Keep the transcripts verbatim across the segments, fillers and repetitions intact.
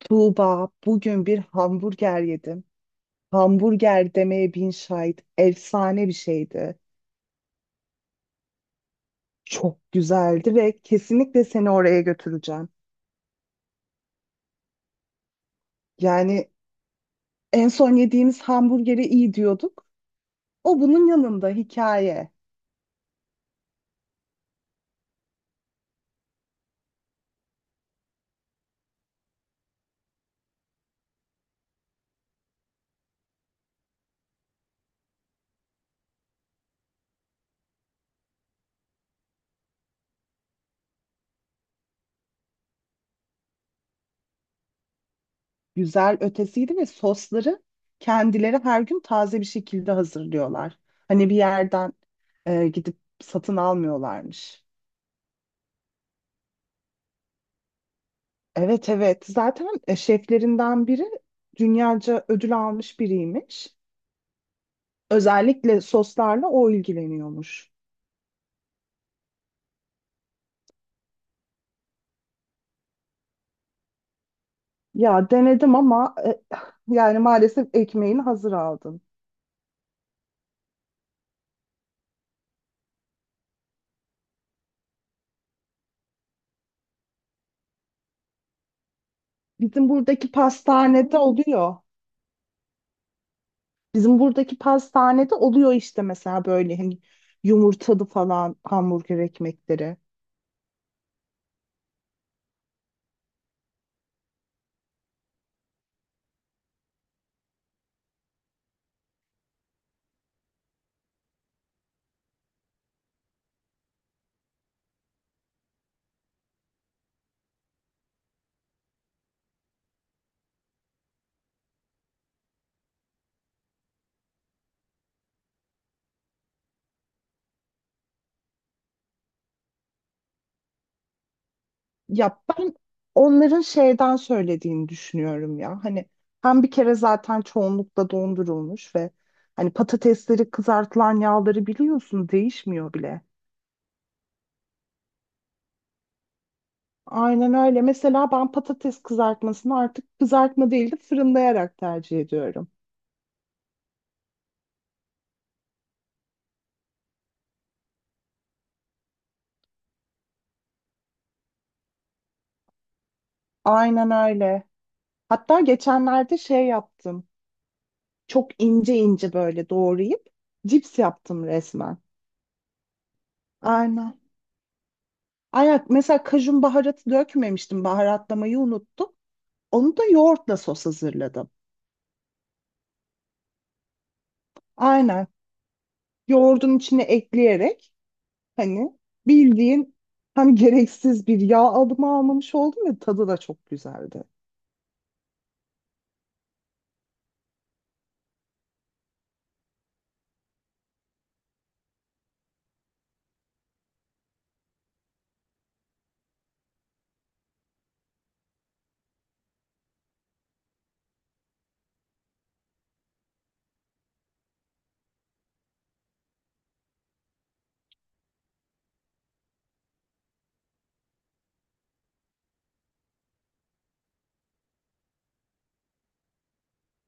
Tuğba, bugün bir hamburger yedim. Hamburger demeye bin şahit. Efsane bir şeydi. Çok güzeldi ve kesinlikle seni oraya götüreceğim. Yani en son yediğimiz hamburgeri iyi diyorduk. O bunun yanında hikaye. Güzel ötesiydi ve sosları kendileri her gün taze bir şekilde hazırlıyorlar. Hani bir yerden e, gidip satın almıyorlarmış. Evet evet zaten e, şeflerinden biri dünyaca ödül almış biriymiş. Özellikle soslarla o ilgileniyormuş. Ya denedim ama e, yani maalesef ekmeğini hazır aldım. Bizim buradaki pastanede oluyor. Bizim buradaki pastanede oluyor işte mesela böyle hani yumurtalı falan hamburger ekmekleri. Ya ben onların şeyden söylediğini düşünüyorum ya. Hani hem bir kere zaten çoğunlukla dondurulmuş ve hani patatesleri kızartılan yağları biliyorsun değişmiyor bile. Aynen öyle. Mesela ben patates kızartmasını artık kızartma değil de fırınlayarak tercih ediyorum. Aynen öyle. Hatta geçenlerde şey yaptım. Çok ince ince böyle doğrayıp cips yaptım resmen. Aynen. Ayak mesela kajun baharatı dökmemiştim. Baharatlamayı unuttum. Onu da yoğurtla sos hazırladım. Aynen. Yoğurdun içine ekleyerek hani bildiğin hem gereksiz bir yağ alımı almamış oldum ve tadı da çok güzeldi.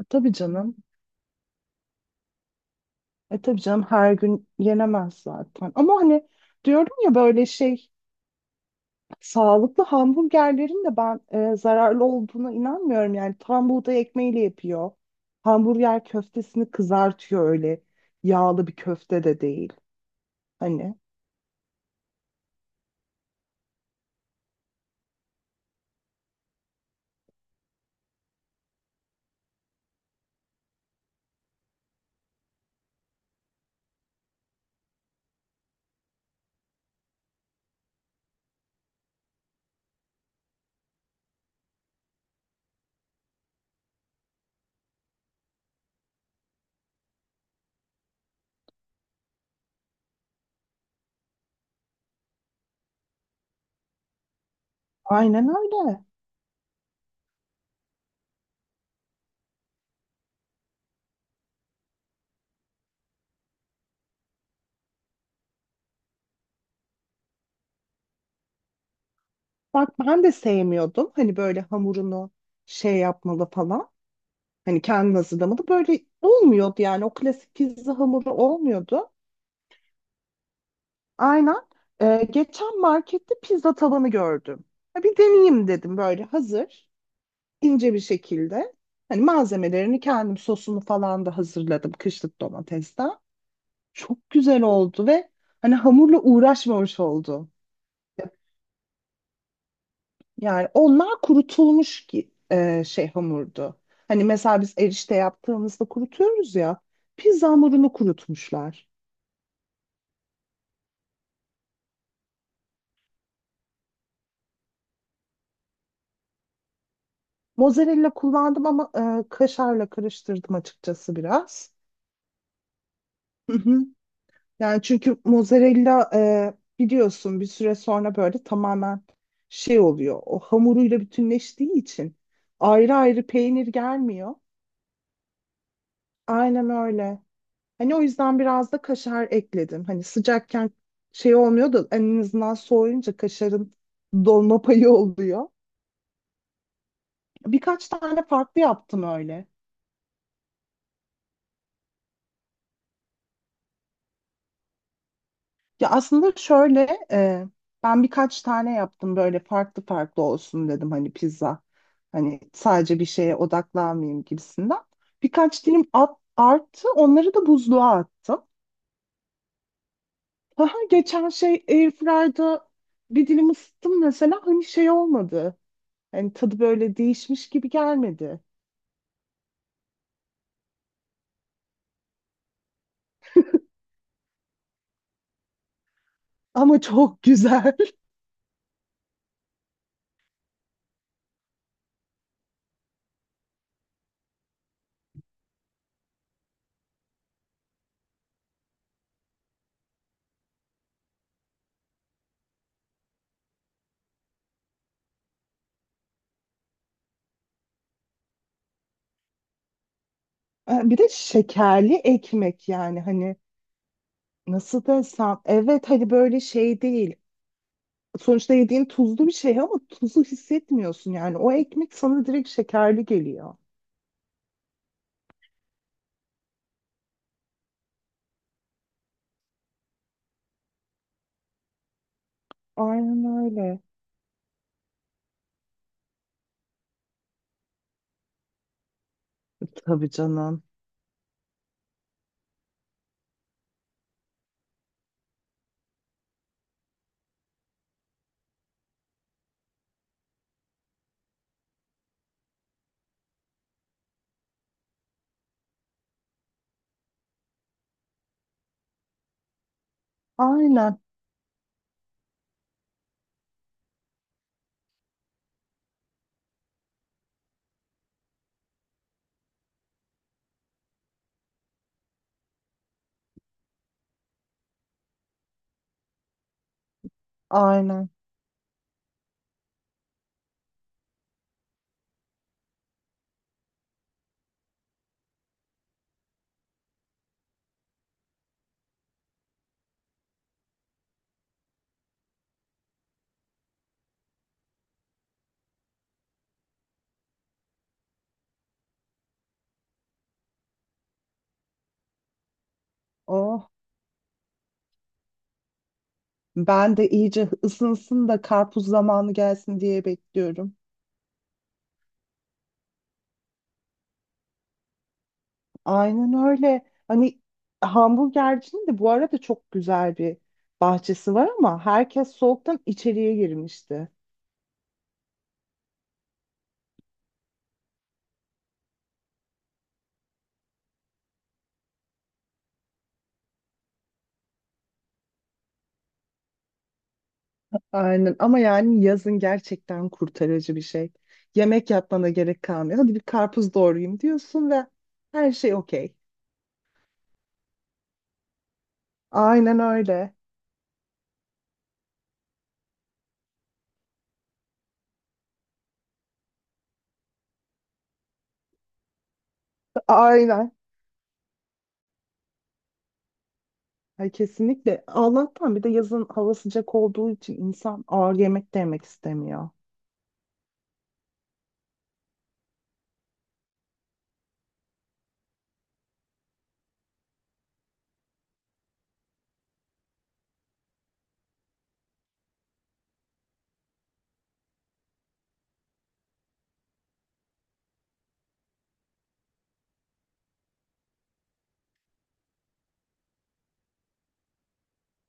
E, tabii canım. E tabii canım her gün yenemez zaten. Ama hani diyorum ya böyle şey sağlıklı hamburgerlerin de ben e, zararlı olduğuna inanmıyorum. Yani tam buğday ekmeğiyle yapıyor. Hamburger köftesini kızartıyor öyle. Yağlı bir köfte de değil. Hani aynen öyle. Bak ben de sevmiyordum. Hani böyle hamurunu şey yapmalı falan. Hani kendin hazırlamalı. Böyle olmuyordu yani. O klasik pizza hamuru olmuyordu. Aynen. Ee, geçen markette pizza tabanı gördüm. Ha, bir deneyeyim dedim böyle hazır ince bir şekilde. Hani malzemelerini kendim sosunu falan da hazırladım kışlık domatesten. Çok güzel oldu ve hani hamurla uğraşmamış oldu. Yani onlar kurutulmuş ki e, şey hamurdu. Hani mesela biz erişte yaptığımızda kurutuyoruz ya. Pizza hamurunu kurutmuşlar. Mozzarella kullandım ama e, kaşarla karıştırdım açıkçası biraz. Yani çünkü mozzarella e, biliyorsun bir süre sonra böyle tamamen şey oluyor. O hamuruyla bütünleştiği için ayrı ayrı peynir gelmiyor. Aynen öyle. Hani o yüzden biraz da kaşar ekledim. Hani sıcakken şey olmuyor da en azından soğuyunca kaşarın dolma payı oluyor. Birkaç tane farklı yaptım öyle. Ya aslında şöyle e, ben birkaç tane yaptım böyle farklı farklı olsun dedim hani pizza. Hani sadece bir şeye odaklanmayayım gibisinden. Birkaç dilim at, arttı onları da buzluğa attım. Aha, geçen şey Airfryer'da bir dilim ısıttım mesela hani şey olmadı. Hani tadı böyle değişmiş gibi gelmedi. Ama çok güzel. Ha, bir de şekerli ekmek yani hani nasıl desem evet hani böyle şey değil. Sonuçta yediğin tuzlu bir şey ama tuzu hissetmiyorsun yani. O ekmek sana direkt şekerli geliyor. Aynen öyle. Tabii canım. Aynen, aynen. Oh, ben de iyice ısınsın da karpuz zamanı gelsin diye bekliyorum. Aynen öyle. Hani hamburgercinin de bu arada çok güzel bir bahçesi var ama herkes soğuktan içeriye girmişti. Aynen ama yani yazın gerçekten kurtarıcı bir şey. Yemek yapmana gerek kalmıyor. Hadi bir karpuz doğrayayım diyorsun ve her şey okey. Aynen öyle. Aynen. Ay, kesinlikle. Allah'tan bir de yazın hava sıcak olduğu için insan ağır yemek de yemek istemiyor.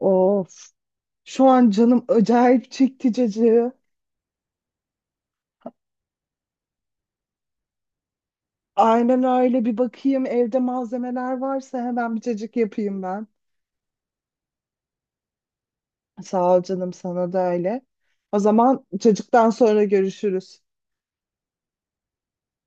Of. Şu an canım acayip çekti cacığı. Aynen öyle. Bir bakayım evde malzemeler varsa hemen bir cacık yapayım ben. Sağ ol canım sana da öyle. O zaman cacıktan sonra görüşürüz.